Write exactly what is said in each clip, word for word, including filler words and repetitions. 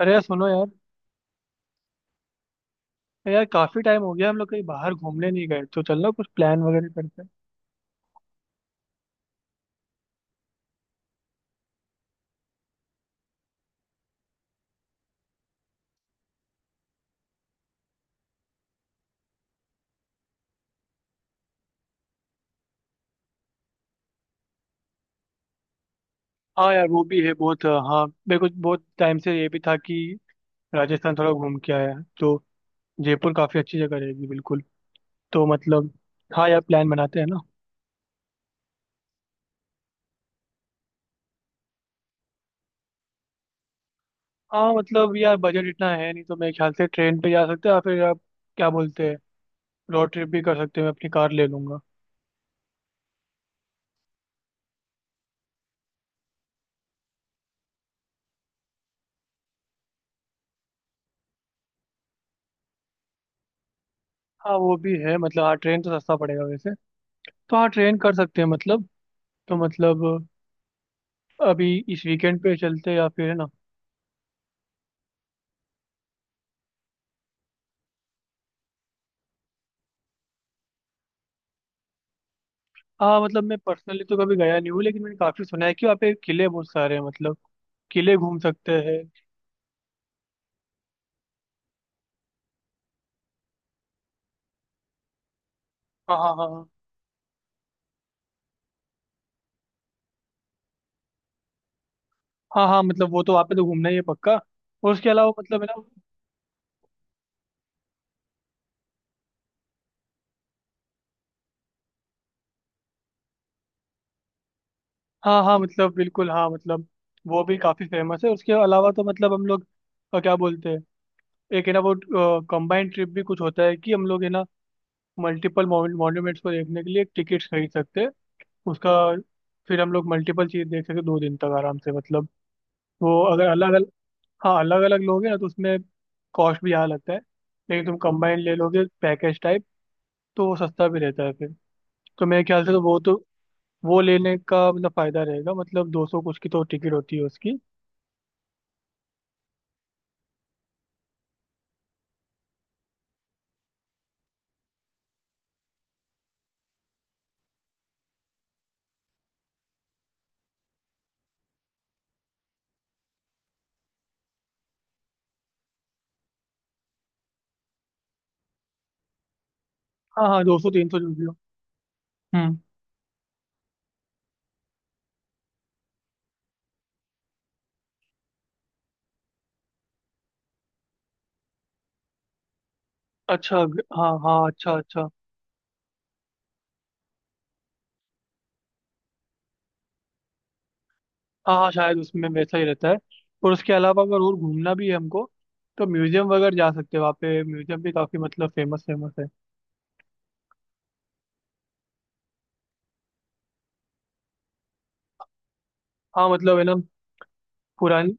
अरे यार सुनो यार। अरे यार, काफी टाइम हो गया, हम लोग कहीं बाहर घूमने नहीं गए। तो चलना कुछ प्लान वगैरह करते हैं। हाँ यार, वो भी है। बहुत हाँ, मेरे को बहुत टाइम से ये भी था कि राजस्थान थोड़ा घूम के आया है, तो जयपुर काफी अच्छी जगह रहेगी। बिल्कुल। तो मतलब, हाँ यार, प्लान बनाते हैं ना। हाँ मतलब यार, बजट इतना है नहीं, तो मेरे ख्याल से ट्रेन पे जा सकते हैं। या फिर आप क्या बोलते हैं, रोड ट्रिप भी कर सकते हैं, मैं अपनी कार ले लूंगा। हाँ वो भी है, मतलब हाँ, ट्रेन तो सस्ता पड़ेगा वैसे। तो हाँ, ट्रेन कर सकते हैं मतलब। तो मतलब, अभी इस वीकेंड पे चलते हैं, या फिर है ना। हाँ मतलब, मैं पर्सनली तो कभी गया नहीं हूँ, लेकिन मैंने काफी सुना है कि वहाँ पे किले बहुत सारे हैं। मतलब, किले घूम सकते हैं। हाँ हाँ हाँ हाँ। हाँ हाँ, मतलब वो तो वहाँ पे तो घूमना ही है पक्का। और उसके अलावा मतलब, है ना। हाँ हाँ, मतलब बिल्कुल, हाँ मतलब, वो भी काफी फेमस है। उसके अलावा तो मतलब हम लोग, अ, क्या बोलते हैं, एक है ना वो, कंबाइंड ट्रिप भी कुछ होता है कि हम लोग, है ना, मल्टीपल मॉन्यूमेंट्स को देखने के लिए टिकट्स खरीद सकते हैं उसका। फिर हम लोग मल्टीपल चीज देख सकते हैं, दो दिन तक आराम से मतलब। वो अगर अलग। हाँ, अलग अलग लोगे ना, तो उसमें कॉस्ट भी यहाँ लगता है। लेकिन तुम कंबाइंड ले लोगे पैकेज टाइप, तो वो सस्ता भी रहता है फिर। तो मेरे ख्याल से तो वो तो, वो लेने का मतलब फायदा रहेगा। मतलब दो सौ कुछ की तो टिकट होती है उसकी। हाँ हाँ, दो सौ तीन सौ जो भी हो। हम्म। अच्छा, ग- हाँ हाँ, अच्छा अच्छा। हाँ हाँ, शायद उसमें वैसा ही रहता है। और उसके अलावा अगर और घूमना भी है हमको, तो म्यूजियम वगैरह जा सकते हैं। वहाँ पे म्यूजियम भी काफी, मतलब फेमस फेमस है। हाँ मतलब, है ना। पुरानी।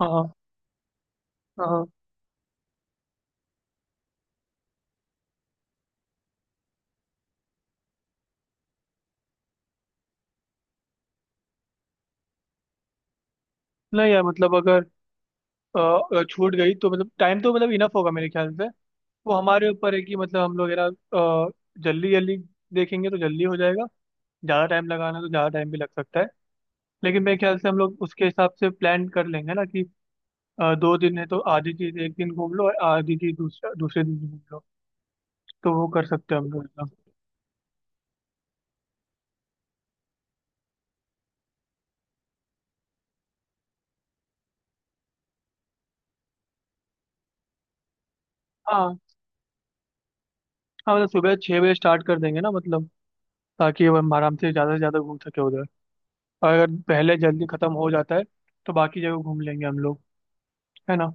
हाँ हाँ। हाँ। हाँ। नहीं यार मतलब, अगर अ, अ, छूट गई, तो मतलब टाइम तो मतलब इनफ होगा, मेरे ख्याल से। वो हमारे ऊपर है कि मतलब हम लोग, है ना, अ, जल्दी जल्दी देखेंगे तो जल्दी हो जाएगा। ज़्यादा टाइम लगाना है तो ज़्यादा टाइम भी लग सकता है। लेकिन मेरे ख्याल से हम लोग उसके हिसाब से प्लान कर लेंगे ना कि अ, दो दिन है, तो आधी चीज़ एक दिन घूम लो और आधी चीज़ दूसरा दूसरे दिन घूम लो। तो वो कर सकते हैं हम लोग एकदम। हाँ हाँ, मतलब सुबह छः बजे स्टार्ट कर देंगे ना मतलब, ताकि हम आराम से ज़्यादा से ज़्यादा घूम सके उधर। और अगर पहले जल्दी ख़त्म हो जाता है, तो बाकी जगह घूम लेंगे हम लोग, है ना।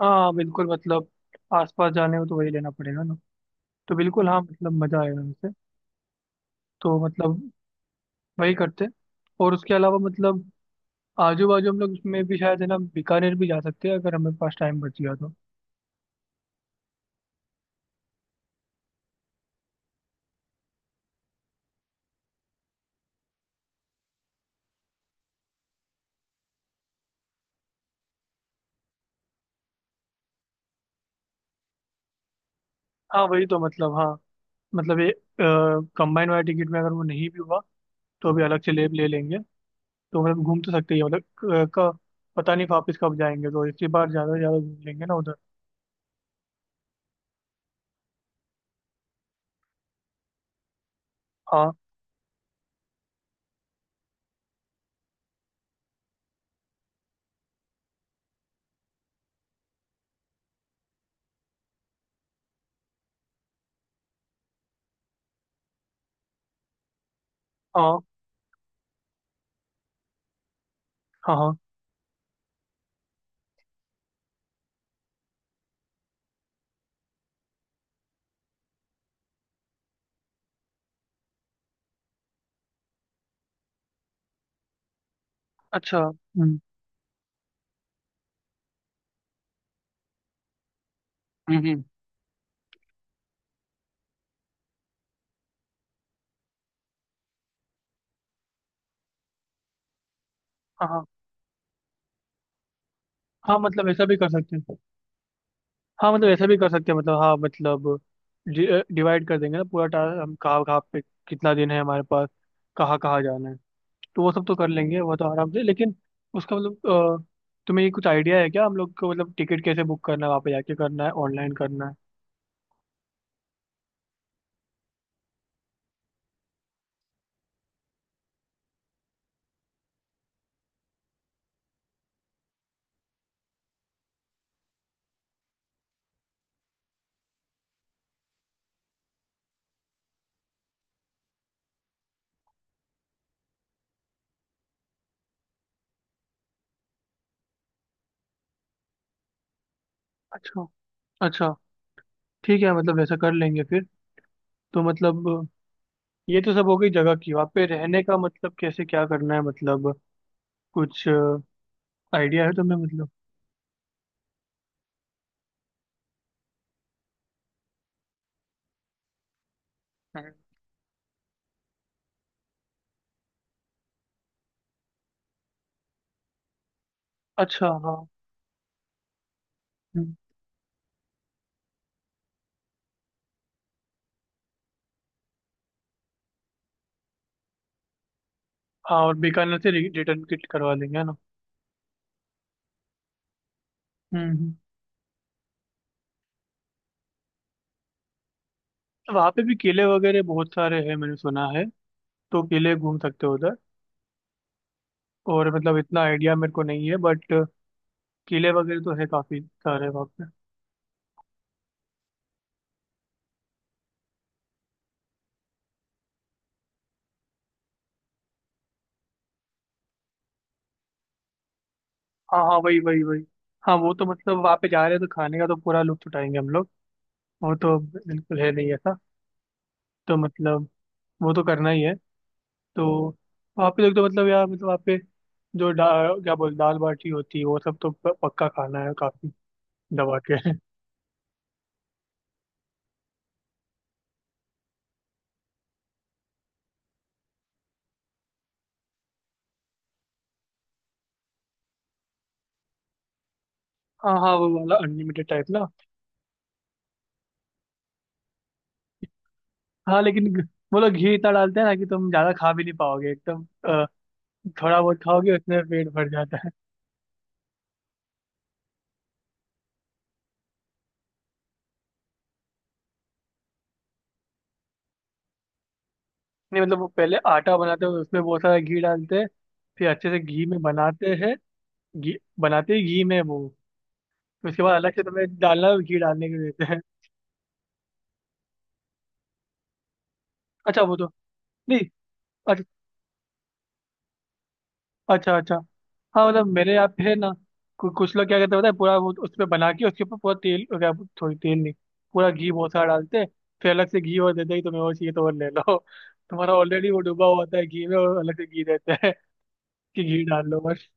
हाँ बिल्कुल मतलब, आसपास जाने हो तो वही लेना पड़ेगा ना। तो बिल्कुल हाँ मतलब, मजा आएगा वैसे। तो मतलब, वही करते हैं। और उसके अलावा मतलब आजू बाजू हम लोग उसमें भी शायद, है ना, बीकानेर भी जा सकते हैं अगर हमारे पास टाइम बच गया तो। हाँ वही तो, मतलब हाँ मतलब, ये कंबाइन वाला टिकट में अगर वो नहीं भी हुआ, तो अभी अलग से ले ले लेंगे। तो मतलब घूम तो सकते ही हैं। मतलब क- का पता नहीं वापस कब जाएंगे, तो इसी बार ज्यादा से ज्यादा घूम लेंगे ना उधर। हाँ हाँ हाँ हाँ, अच्छा। हम्म हम्म हम्म। हाँ हाँ हाँ, मतलब ऐसा भी कर सकते हैं। हाँ मतलब ऐसा भी कर सकते हैं, मतलब हाँ मतलब, डिवाइड कर देंगे ना पूरा टास्क, हम कहाँ कहाँ पे, कितना दिन है हमारे पास, कहाँ कहाँ जाना है। तो वो सब तो कर लेंगे, वो तो आराम से। लेकिन उसका मतलब अ, तुम्हें ये कुछ आइडिया है क्या हम लोग को, मतलब टिकट कैसे बुक करना है, वहाँ पे जाके करना है, ऑनलाइन करना है। अच्छा अच्छा, ठीक है मतलब ऐसा कर लेंगे फिर। तो मतलब अ, ये तो सब हो गई जगह की। वहाँ पे रहने का मतलब कैसे क्या करना है, मतलब कुछ आइडिया है तुम्हें मतलब। हम्म। अच्छा हाँ। हम्म। हाँ और बीकानेर से रिटर्न किट करवा लेंगे, है ना। हम्म हम्म। वहाँ पे भी किले वगैरह बहुत सारे हैं मैंने सुना है। तो किले घूम सकते हो उधर। और मतलब इतना आइडिया मेरे को नहीं है, बट किले वगैरह तो है काफी सारे वहाँ पे। हाँ हाँ, वही वही वही। हाँ वो तो मतलब, वहाँ पे जा रहे हैं तो खाने का तो पूरा लुत्फ उठाएंगे हम लोग। वो तो बिल्कुल है नहीं ऐसा। तो मतलब, वो तो करना ही है। तो वहाँ पे देख, तो मतलब यार मतलब वहाँ पे जो डा क्या बोल, दाल बाटी होती है, वो सब तो प- पक्का खाना है काफी, दबा के। हाँ हाँ, वो वाला अनलिमिटेड टाइप ना। हाँ लेकिन घ- वो लोग घी इतना डालते हैं ना कि तुम ज्यादा खा भी नहीं पाओगे एकदम। अ, थोड़ा बहुत खाओगे उसमें पेट भर जाता है। नहीं मतलब, वो पहले आटा बनाते हैं, उसमें बहुत सारा घी डालते हैं, फिर अच्छे से घी में बनाते हैं। घी बनाते ही घी में वो, उसके बाद अलग से तुम्हें डालना है, घी डालने के लिए देते हैं। अच्छा वो तो नहीं। अच्छा, अच्छा अच्छा। हाँ मतलब, मेरे यहाँ पे है ना, कु, कुछ लोग क्या करते हैं पता है, पूरा वो उस पे बना के उसके ऊपर पूरा तेल क्या। थोड़ी तेल नहीं, पूरा घी बहुत सारा डालते हैं, फिर अलग से घी और देते हैं कि तुम्हें वो चाहिए तो वो ले लो। तुम्हारा ऑलरेडी वो डूबा हुआ होता है घी में, और अलग से घी देते हैं। कि घी डाल लो बस।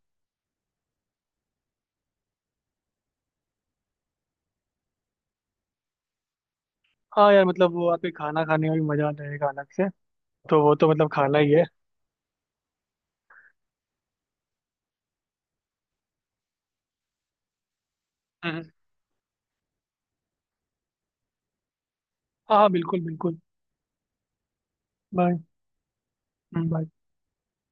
हाँ यार मतलब, वो वहाँ पे खाना खाने में भी मजा आता है एक अलग से। तो वो तो मतलब खाना ही है। हम्म। हाँ बिल्कुल बिल्कुल। बाय। बाय।